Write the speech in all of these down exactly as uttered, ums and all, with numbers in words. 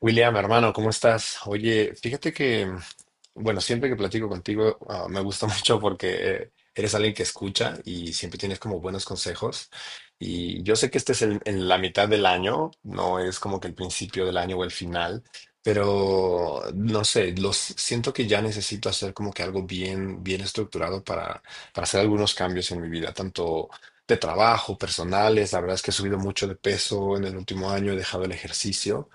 William, hermano, ¿cómo estás? Oye, fíjate que, mm, bueno, siempre que platico contigo, ah, me gusta mucho porque eh, eres alguien que escucha y siempre tienes como buenos consejos. Y yo sé que este es el- en la mitad del año, no es como que el principio del año o el final, pero no sé, los siento que ya necesito hacer como que algo bien, bien estructurado para, para hacer algunos cambios en mi vida, tanto de trabajo, personales. La verdad es que he subido mucho de peso en el último año, he dejado el ejercicio.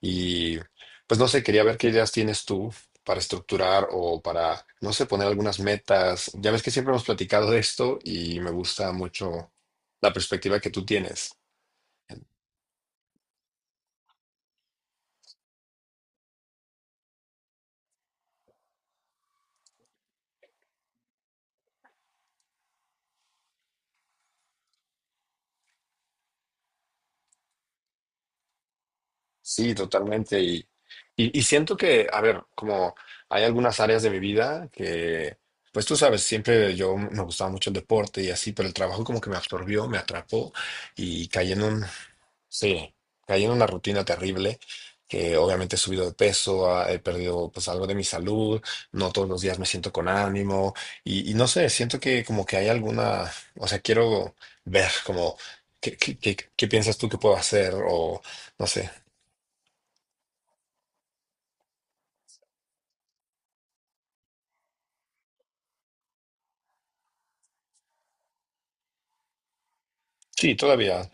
Y pues no sé, quería ver qué ideas tienes tú para estructurar o para, no sé, poner algunas metas. Ya ves que siempre hemos platicado de esto y me gusta mucho la perspectiva que tú tienes. Sí, totalmente. Y, y, y siento que, a ver, como hay algunas áreas de mi vida que, pues tú sabes, siempre yo me gustaba mucho el deporte y así, pero el trabajo como que me absorbió, me atrapó y caí en un, sí, caí en una rutina terrible, que obviamente he subido de peso, ah, he perdido pues algo de mi salud, no todos los días me siento con ánimo y, y no sé, siento que como que hay alguna, o sea, quiero ver como qué, qué, qué, qué piensas tú que puedo hacer o no sé. Sí, todavía.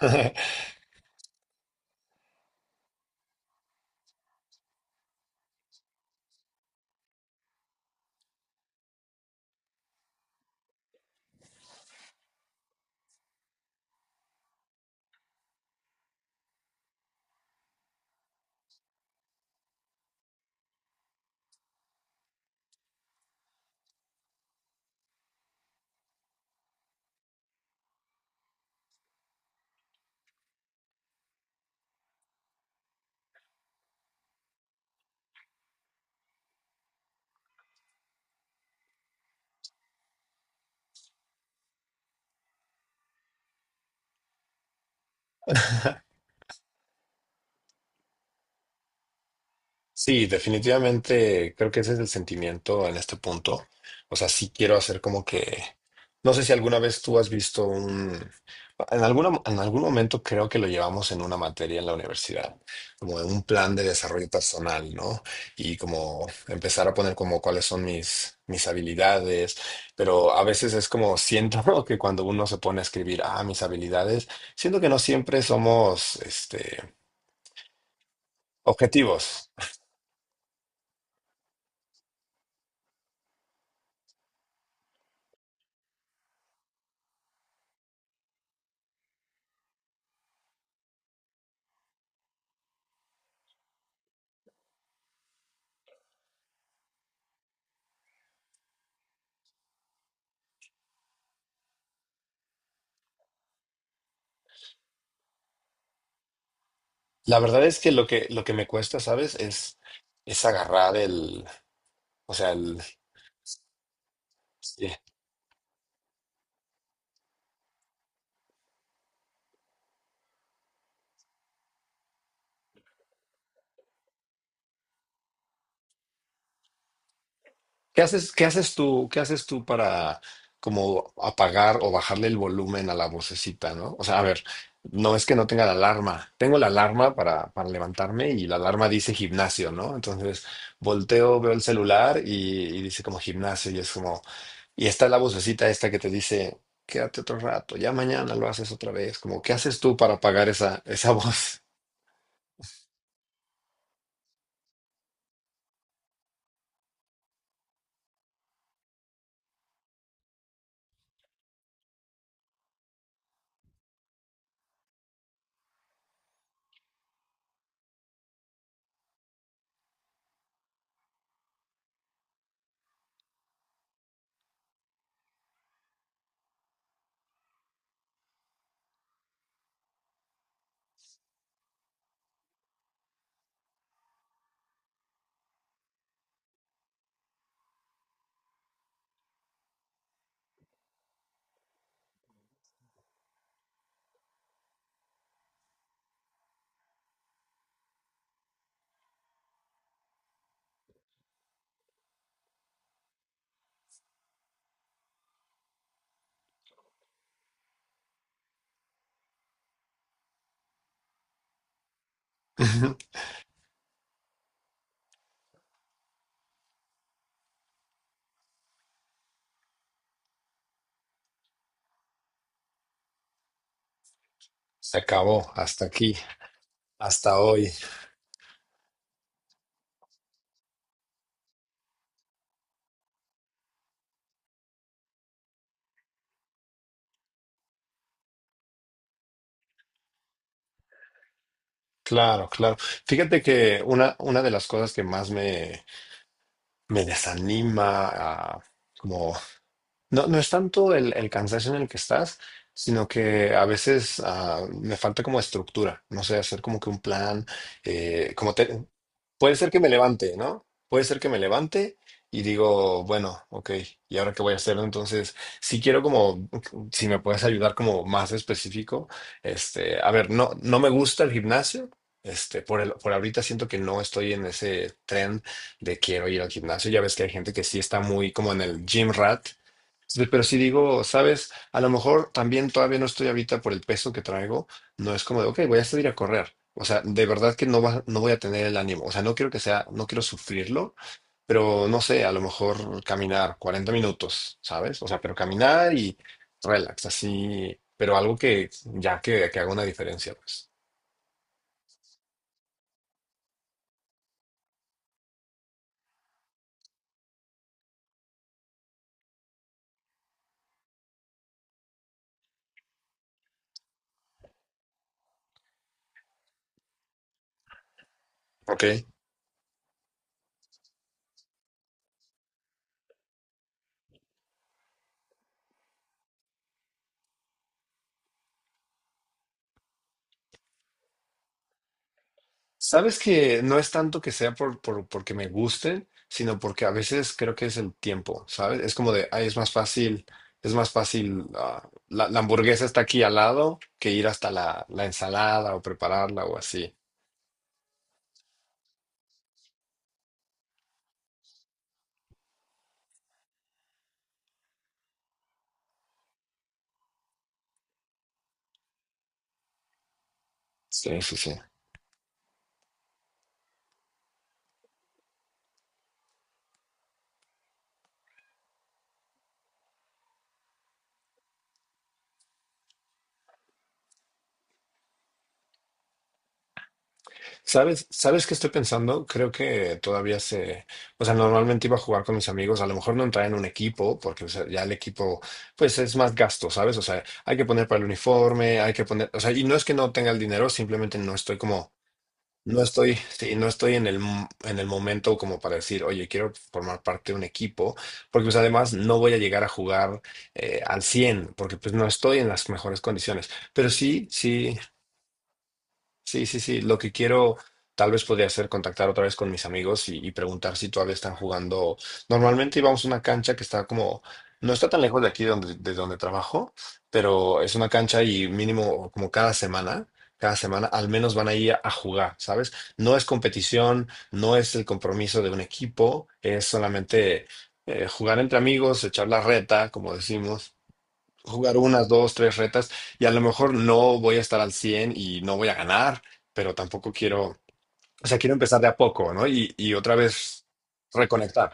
Sí, definitivamente creo que ese es el sentimiento en este punto. O sea, sí quiero hacer como que, no sé si alguna vez tú has visto un, en alguna, en algún momento creo que lo llevamos en una materia en la universidad, como de un plan de desarrollo personal, ¿no? Y como empezar a poner como cuáles son mis, mis habilidades, pero a veces es como siento que cuando uno se pone a escribir, ah, mis habilidades, siento que no siempre somos, este, objetivos. La verdad es que lo que lo que me cuesta, ¿sabes? Es es agarrar el, o sea, el eh, ¿qué haces qué haces tú qué haces tú para como apagar o bajarle el volumen a la vocecita, ¿no? O sea, a ver, no es que no tenga la alarma. Tengo la alarma para para levantarme y la alarma dice gimnasio, ¿no? Entonces, volteo, veo el celular y, y dice como gimnasio y es como y está la vocecita esta que te dice: quédate otro rato, ya mañana lo haces otra vez. Como, ¿qué haces tú para apagar esa, esa voz? Ujú. Se acabó, hasta aquí, hasta hoy. Claro, claro. Fíjate que una, una de las cosas que más me, me desanima, ah, como no, no es tanto el, el cansancio en el que estás, sino que a veces ah, me falta como estructura, no sé, hacer como que un plan, eh, como te- puede ser que me levante, ¿no? Puede ser que me levante y digo, bueno, ok, ¿y ahora qué voy a hacer? Entonces, si quiero como, si me puedes ayudar como más específico, este, a ver, no, no me gusta el gimnasio. Este, por el- por ahorita siento que no estoy en ese tren de quiero ir al gimnasio. Ya ves que hay gente que sí está muy como en el gym rat. Sí, pero si digo, sabes, a lo mejor también todavía no estoy ahorita por el peso que traigo, no es como de, ok, voy a salir a correr. O sea, de verdad que no va, no voy a tener el ánimo. O sea, no quiero que sea, no quiero sufrirlo, pero no sé, a lo mejor caminar cuarenta minutos, ¿sabes? O sea, pero caminar y relax, así, pero algo que ya que, que haga una diferencia, pues. Ok. Sabes que no es tanto que sea por, por, porque me gusten, sino porque a veces creo que es el tiempo, ¿sabes? Es como de, ay, es más fácil, es más fácil, ah, la, la hamburguesa está aquí al lado que ir hasta la, la ensalada o prepararla o así. Sí, sí, sí. ¿Sabes, sabes qué estoy pensando? Creo que todavía se, o sea, normalmente iba a jugar con mis amigos, a lo mejor no traen un equipo, porque o sea, ya el equipo, pues es más gasto, ¿sabes? O sea, hay que poner para el uniforme, hay que poner, o sea, y no es que no tenga el dinero, simplemente no estoy como No estoy, sí, no estoy en el, mo- en el momento como para decir, oye, quiero formar parte de un equipo, porque pues además no voy a llegar a jugar eh, al cien porque pues no estoy en las mejores condiciones. Pero sí, sí, sí, sí, sí. Lo que quiero tal vez podría ser contactar otra vez con mis amigos y, y preguntar si todavía están jugando. Normalmente íbamos a una cancha que está como, no está tan lejos de aquí donde, de donde trabajo, pero es una cancha y mínimo como cada semana, cada semana al menos van ahí a, a jugar, ¿sabes? No es competición, no es el compromiso de un equipo, es solamente eh, jugar entre amigos, echar la reta, como decimos jugar unas, dos, tres retas y a lo mejor no voy a estar al cien y no voy a ganar, pero tampoco quiero, o sea, quiero empezar de a poco, ¿no? Y, y otra vez reconectar.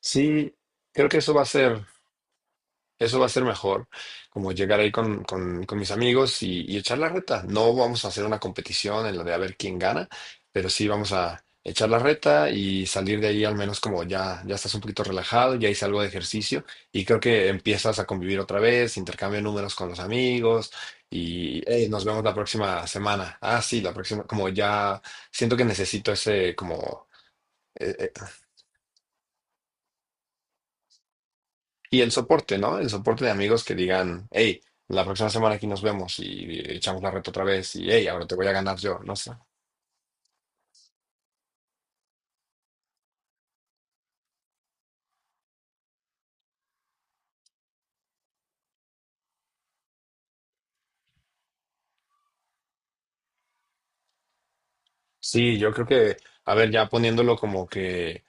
Sí, creo que eso va a ser. Eso va a ser mejor, como llegar ahí con, con- con mis amigos y, y echar la reta. No vamos a hacer una competición en la de a ver quién gana, pero sí vamos a echar la reta y salir de ahí al menos como ya, ya estás un poquito relajado, ya hice algo de ejercicio y creo que empiezas a convivir otra vez, intercambio de números con los amigos y: "Hey, nos vemos la próxima semana. Ah, sí, la próxima", como ya siento que necesito ese como. e, Y el soporte, ¿no? El soporte de amigos que digan: hey, la próxima semana aquí nos vemos y echamos la reta otra vez y hey, ahora te voy a ganar yo, no sé. Sí, yo creo que, a ver, ya poniéndolo como que,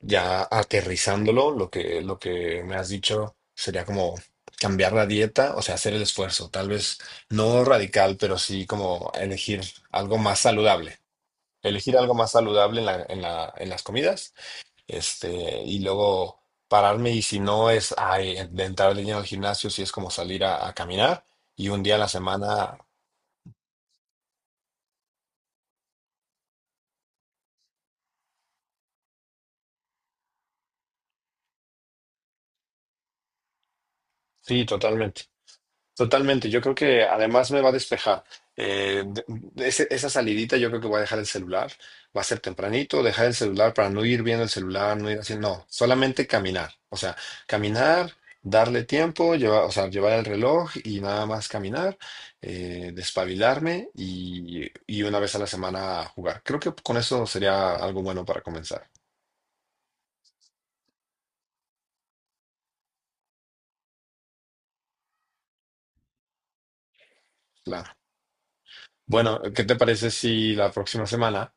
ya aterrizándolo, lo que, lo que me has dicho sería como cambiar la dieta, o sea, hacer el esfuerzo, tal vez no radical, pero sí como elegir algo más saludable. Elegir algo más saludable en la, en la, en las comidas. Este, y luego pararme y si no es ay, de entrar de lleno al gimnasio, si es como salir a, a caminar y un día a la semana, sí, totalmente. Totalmente, yo creo que además me va a despejar. Eh, de- de ese- esa salidita yo creo que voy a dejar el celular, va a ser tempranito, dejar el celular para no ir viendo el celular, no ir haciendo, no, solamente caminar, o sea, caminar, darle tiempo, llevar, o sea, llevar el reloj y nada más caminar, eh, despabilarme y, y una vez a la semana jugar. Creo que con eso sería algo bueno para comenzar. Claro. Bueno, ¿qué te parece si la próxima semana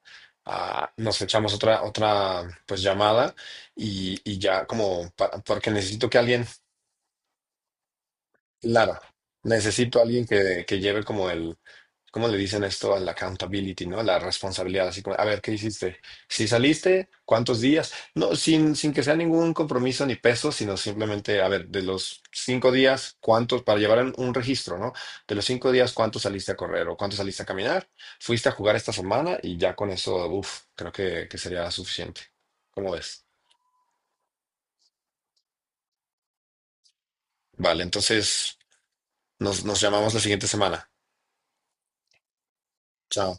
ah, nos echamos otra, otra pues llamada y, y ya como pa- porque necesito que alguien. Claro, necesito a alguien que, que lleve como el, ¿cómo le dicen esto? Al accountability, ¿no? La responsabilidad, así como, a ver, ¿qué hiciste? Si saliste, ¿cuántos días? No, sin, sin que sea ningún compromiso ni peso, sino simplemente, a ver, de los cinco días, ¿cuántos? Para llevar un un registro, ¿no? De los cinco días, ¿cuántos saliste a correr o cuántos saliste a caminar? ¿Fuiste a jugar esta semana? Y ya con eso, uff, creo que, que sería suficiente. ¿Cómo ves? Vale, entonces nos, nos llamamos la siguiente semana. Chao.